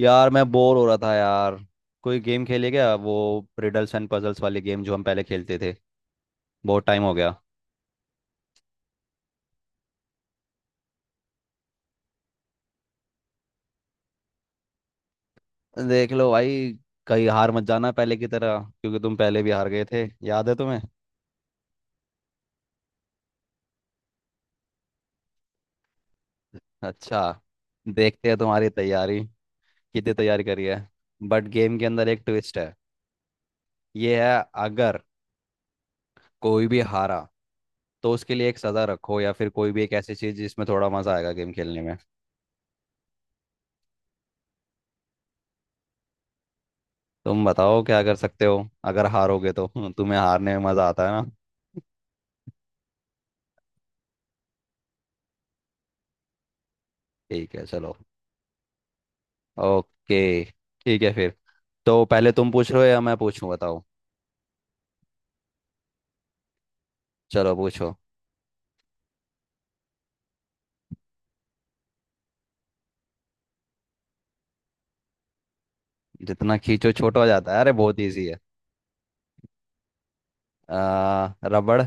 यार मैं बोर हो रहा था यार। कोई गेम खेले? क्या वो रिडल्स एंड पजल्स वाली गेम जो हम पहले खेलते थे? बहुत टाइम हो गया। देख लो भाई, कहीं हार मत जाना पहले की तरह, क्योंकि तुम पहले भी हार गए थे, याद है तुम्हें? अच्छा, देखते हैं तुम्हारी तैयारी, कितनी तैयारी करी है। बट गेम के अंदर एक ट्विस्ट है। ये है, अगर कोई भी हारा तो उसके लिए एक सजा रखो, या फिर कोई भी एक ऐसी चीज जिसमें थोड़ा मजा आएगा गेम खेलने में। तुम बताओ, क्या कर सकते हो अगर हारोगे तो तुम्हें हारने में मजा आता है ना। ठीक है, चलो। ओके, ठीक है फिर। तो पहले तुम पूछ रहे हो या मैं पूछूं, बताओ। चलो पूछो। जितना खींचो छोटा हो जाता है? अरे बहुत इजी है। रबड़।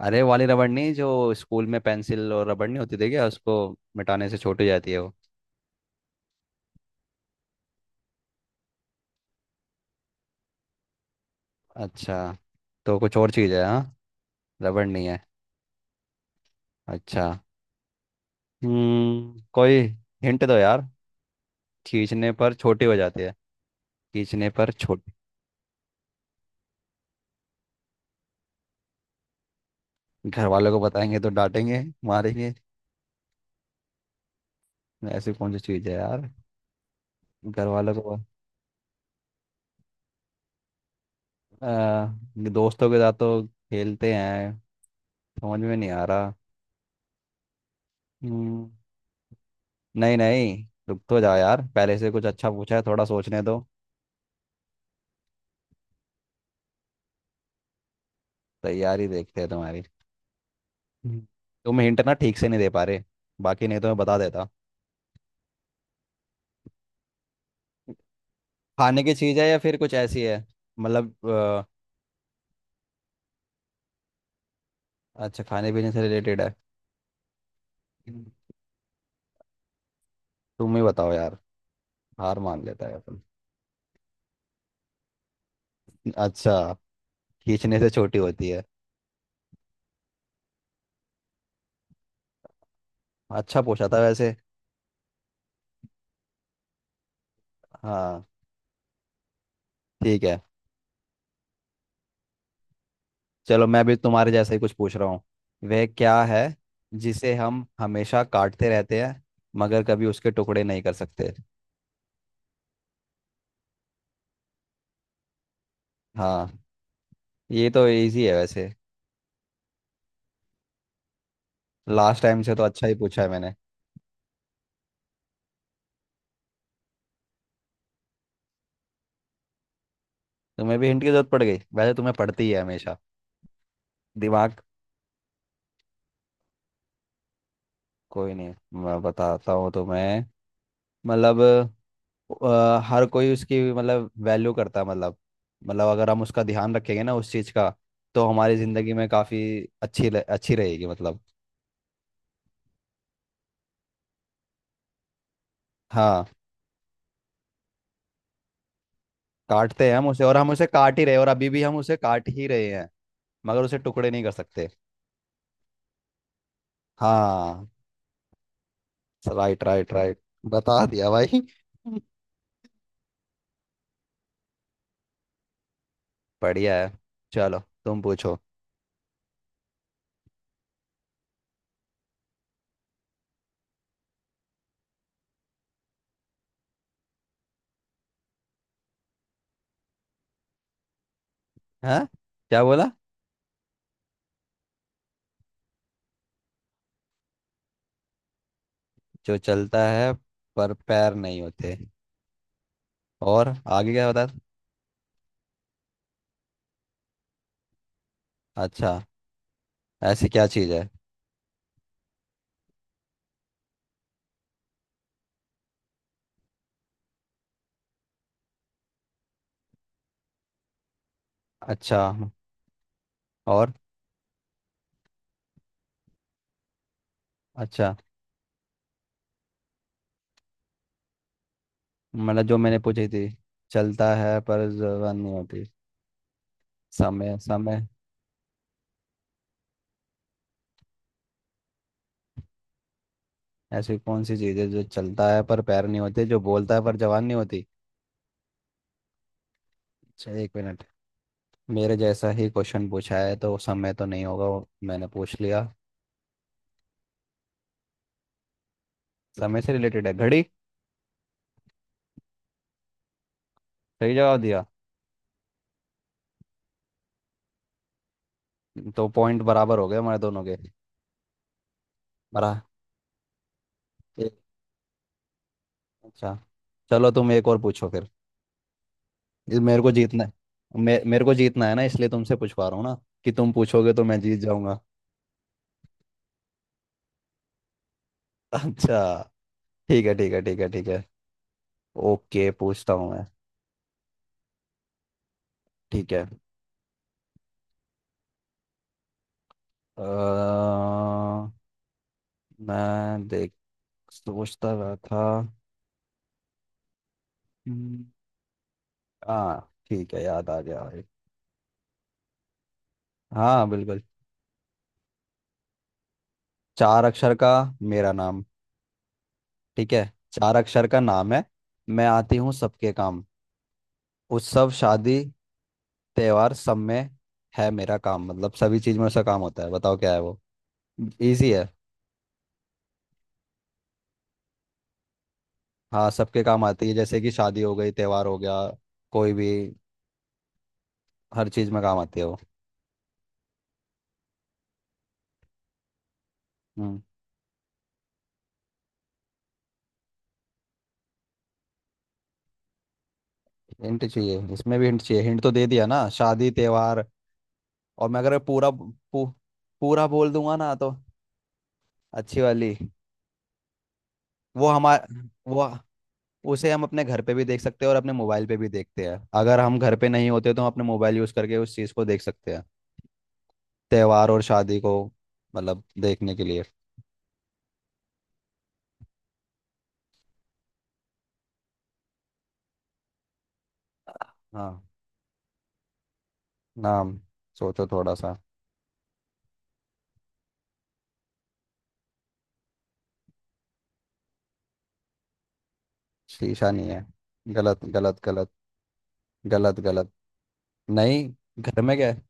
अरे वाली रबड़ नहीं? जो स्कूल में पेंसिल और रबड़ नहीं होती थी क्या, उसको मिटाने से छोटी जाती है वो। अच्छा, तो कुछ और चीज़ है। हाँ, रबड़ नहीं है। अच्छा। कोई हिंट दो यार। खींचने पर छोटी हो जाती है। खींचने पर छोटी। घर वालों को बताएंगे तो डांटेंगे मारेंगे? ऐसी कौन सी चीज़ है यार, घर वालों को। आ, दोस्तों के साथ तो खेलते हैं। समझ में नहीं आ रहा। हम्म, नहीं नहीं, रुक तो जाओ यार, पहले से कुछ अच्छा पूछा है, थोड़ा सोचने दो। तैयारी देखते हैं तुम्हारी। हम्म। तुम हिंट ना ठीक से नहीं दे पा रहे, बाकी नहीं तो मैं बता देता। खाने की चीज़ है या फिर कुछ ऐसी है? मतलब अच्छा, खाने पीने से रिलेटेड है। हम्म। तुम ही बताओ यार, हार मान लेता है अपन। अच्छा, खींचने से छोटी होती है। अच्छा पूछा था वैसे। हाँ, ठीक है। चलो मैं भी तुम्हारे जैसा ही कुछ पूछ रहा हूँ। वह क्या है जिसे हम हमेशा काटते रहते हैं मगर कभी उसके टुकड़े नहीं कर सकते? हाँ, ये तो इजी है वैसे, लास्ट टाइम से तो अच्छा ही पूछा है मैंने। तुम्हें भी हिंट की जरूरत पड़ गई? वैसे तुम्हें पड़ती ही है हमेशा। दिमाग। कोई नहीं, मैं बताता हूँ तुम्हें। मतलब हर कोई उसकी मतलब वैल्यू करता है, मतलब मतलब अगर हम उसका ध्यान रखेंगे ना उस चीज़ का, तो हमारी ज़िंदगी में काफ़ी अच्छी अच्छी रहेगी मतलब। हाँ, काटते हैं हम उसे, और हम उसे काट ही रहे हैं, और अभी भी हम उसे काट ही रहे हैं, मगर उसे टुकड़े नहीं कर सकते। हाँ, राइट राइट राइट। बता दिया भाई। बढ़िया है। चलो तुम पूछो। हाँ। क्या बोला? जो चलता है पर पैर नहीं होते, और आगे क्या? बता। अच्छा, ऐसी क्या चीज़ है? अच्छा। और? अच्छा, मतलब जो मैंने पूछी थी। चलता है पर जबान नहीं होती। समय। समय? ऐसी कौन सी चीज़ है जो चलता है पर पैर नहीं होते, जो बोलता है पर जबान नहीं होती? अच्छा, एक मिनट। मेरे जैसा ही क्वेश्चन पूछा है, तो समय तो नहीं होगा, वो मैंने पूछ लिया। समय से रिलेटेड है, घड़ी। सही जवाब दिया। तो पॉइंट बराबर हो गए हमारे दोनों के। बरा एक- अच्छा, चलो तुम एक और पूछो फिर। ये मेरे को जीतना है। मेरे को जीतना है ना, इसलिए तुमसे पूछवा रहा हूँ ना, कि तुम पूछोगे तो मैं जीत जाऊंगा। अच्छा, ठीक है ठीक है ठीक है ठीक है। ओके, पूछता हूँ मैं। ठीक है। अ, मैं देख सोचता रहा था। हम्म। हाँ ठीक है, याद आ गया भाई। हाँ बिल्कुल। चार अक्षर का मेरा नाम, ठीक है? चार अक्षर का नाम है, मैं आती हूँ सबके काम, उत्सव शादी त्योहार सब में है मेरा काम। मतलब सभी चीज में उसका काम होता है, बताओ क्या है वो। इजी है। हाँ, सबके काम आती है, जैसे कि शादी हो गई, त्योहार हो गया, कोई भी, हर चीज में काम आती है वो। हम्म। हिंट चाहिए? इसमें भी हिंट चाहिए? हिंट तो दे दिया ना, शादी त्योहार, और मैं अगर पूरा बोल दूंगा ना तो। अच्छी वाली? वो हमार वो उसे हम अपने घर पे भी देख सकते हैं, और अपने मोबाइल पे भी देखते हैं, अगर हम घर पे नहीं होते तो हम अपने मोबाइल यूज करके उस चीज को देख सकते हैं, त्योहार और शादी को, मतलब देखने के लिए। हाँ, नाम। सोचो थोड़ा सा। शीशा नहीं है। गलत गलत गलत। गलत गलत। नहीं, घर में क्या है?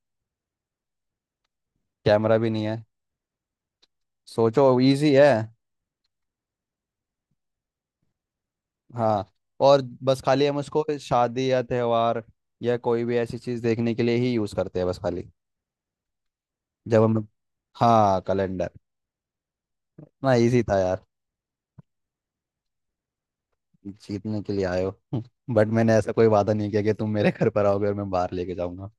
कैमरा भी नहीं है। सोचो, इजी है। हाँ। और बस खाली हम उसको शादी या त्योहार या कोई भी ऐसी चीज देखने के लिए ही यूज करते हैं बस खाली, जब हम। हाँ, कैलेंडर। ना, इजी था यार। जीतने के लिए आए हो बट मैंने ऐसा कोई वादा नहीं किया कि तुम मेरे घर पर आओगे और मैं बाहर लेके जाऊंगा।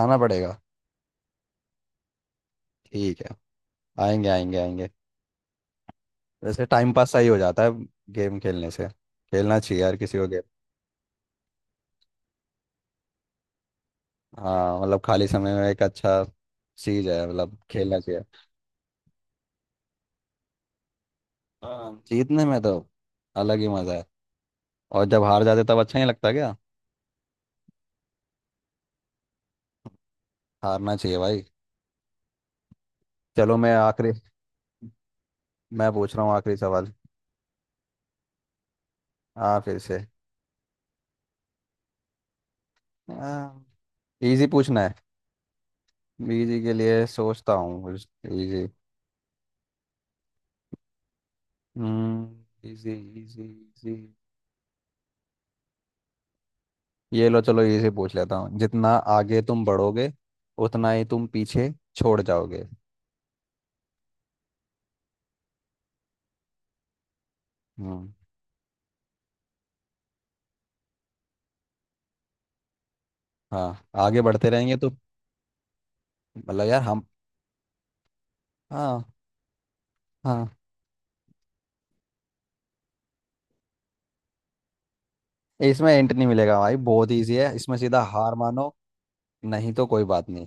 आना पड़ेगा। ठीक है, आएंगे आएंगे आएंगे। वैसे टाइम पास सही हो जाता है गेम खेलने से। खेलना चाहिए यार किसी को गेम। हाँ मतलब, खाली समय में एक अच्छा चीज है, मतलब खेलना चाहिए। हाँ, जीतने में तो अलग ही मजा है। और जब हार जाते तब अच्छा नहीं लगता क्या? हारना चाहिए भाई। चलो मैं आखिरी मैं पूछ रहा हूँ आखिरी सवाल। हाँ फिर से। हाँ, इजी पूछना है। इजी के लिए सोचता हूँ, कुछ इजी। हम्म, इजी इजी इजी। ये लो, चलो इजी पूछ लेता हूँ। जितना आगे तुम बढ़ोगे, उतना ही तुम पीछे छोड़ जाओगे। हम्म। हाँ, आगे बढ़ते रहेंगे तो। मतलब यार हम। हाँ हाँ, इसमें एंट नहीं मिलेगा भाई, बहुत इजी है इसमें, सीधा हार मानो, नहीं तो कोई बात नहीं।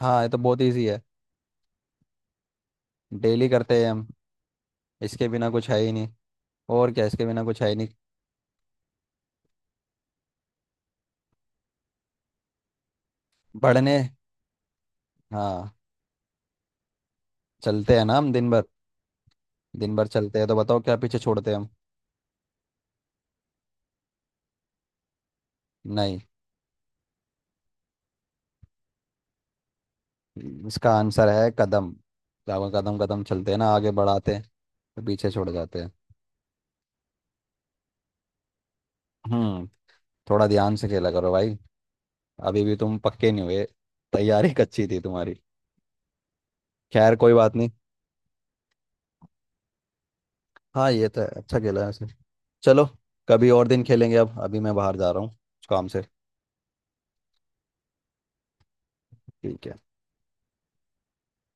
हाँ ये तो बहुत इजी है, डेली करते हैं हम, इसके बिना कुछ है ही नहीं। और क्या, इसके बिना कुछ है ही नहीं। बढ़ने। हाँ, चलते हैं ना हम दिन भर। दिन भर चलते हैं, तो बताओ क्या पीछे छोड़ते हैं हम? नहीं। इसका आंसर है कदम। क्या वो, कदम कदम चलते हैं ना, आगे बढ़ाते हैं, तो पीछे छोड़ जाते हैं। हम्म। थोड़ा ध्यान से खेला करो भाई, अभी भी तुम पक्के नहीं हुए, तैयारी कच्ची थी तुम्हारी। खैर कोई बात नहीं। हाँ ये तो है, अच्छा खेला है वैसे। चलो, कभी और दिन खेलेंगे, अब अभी मैं बाहर जा रहा हूँ काम से। ठीक है।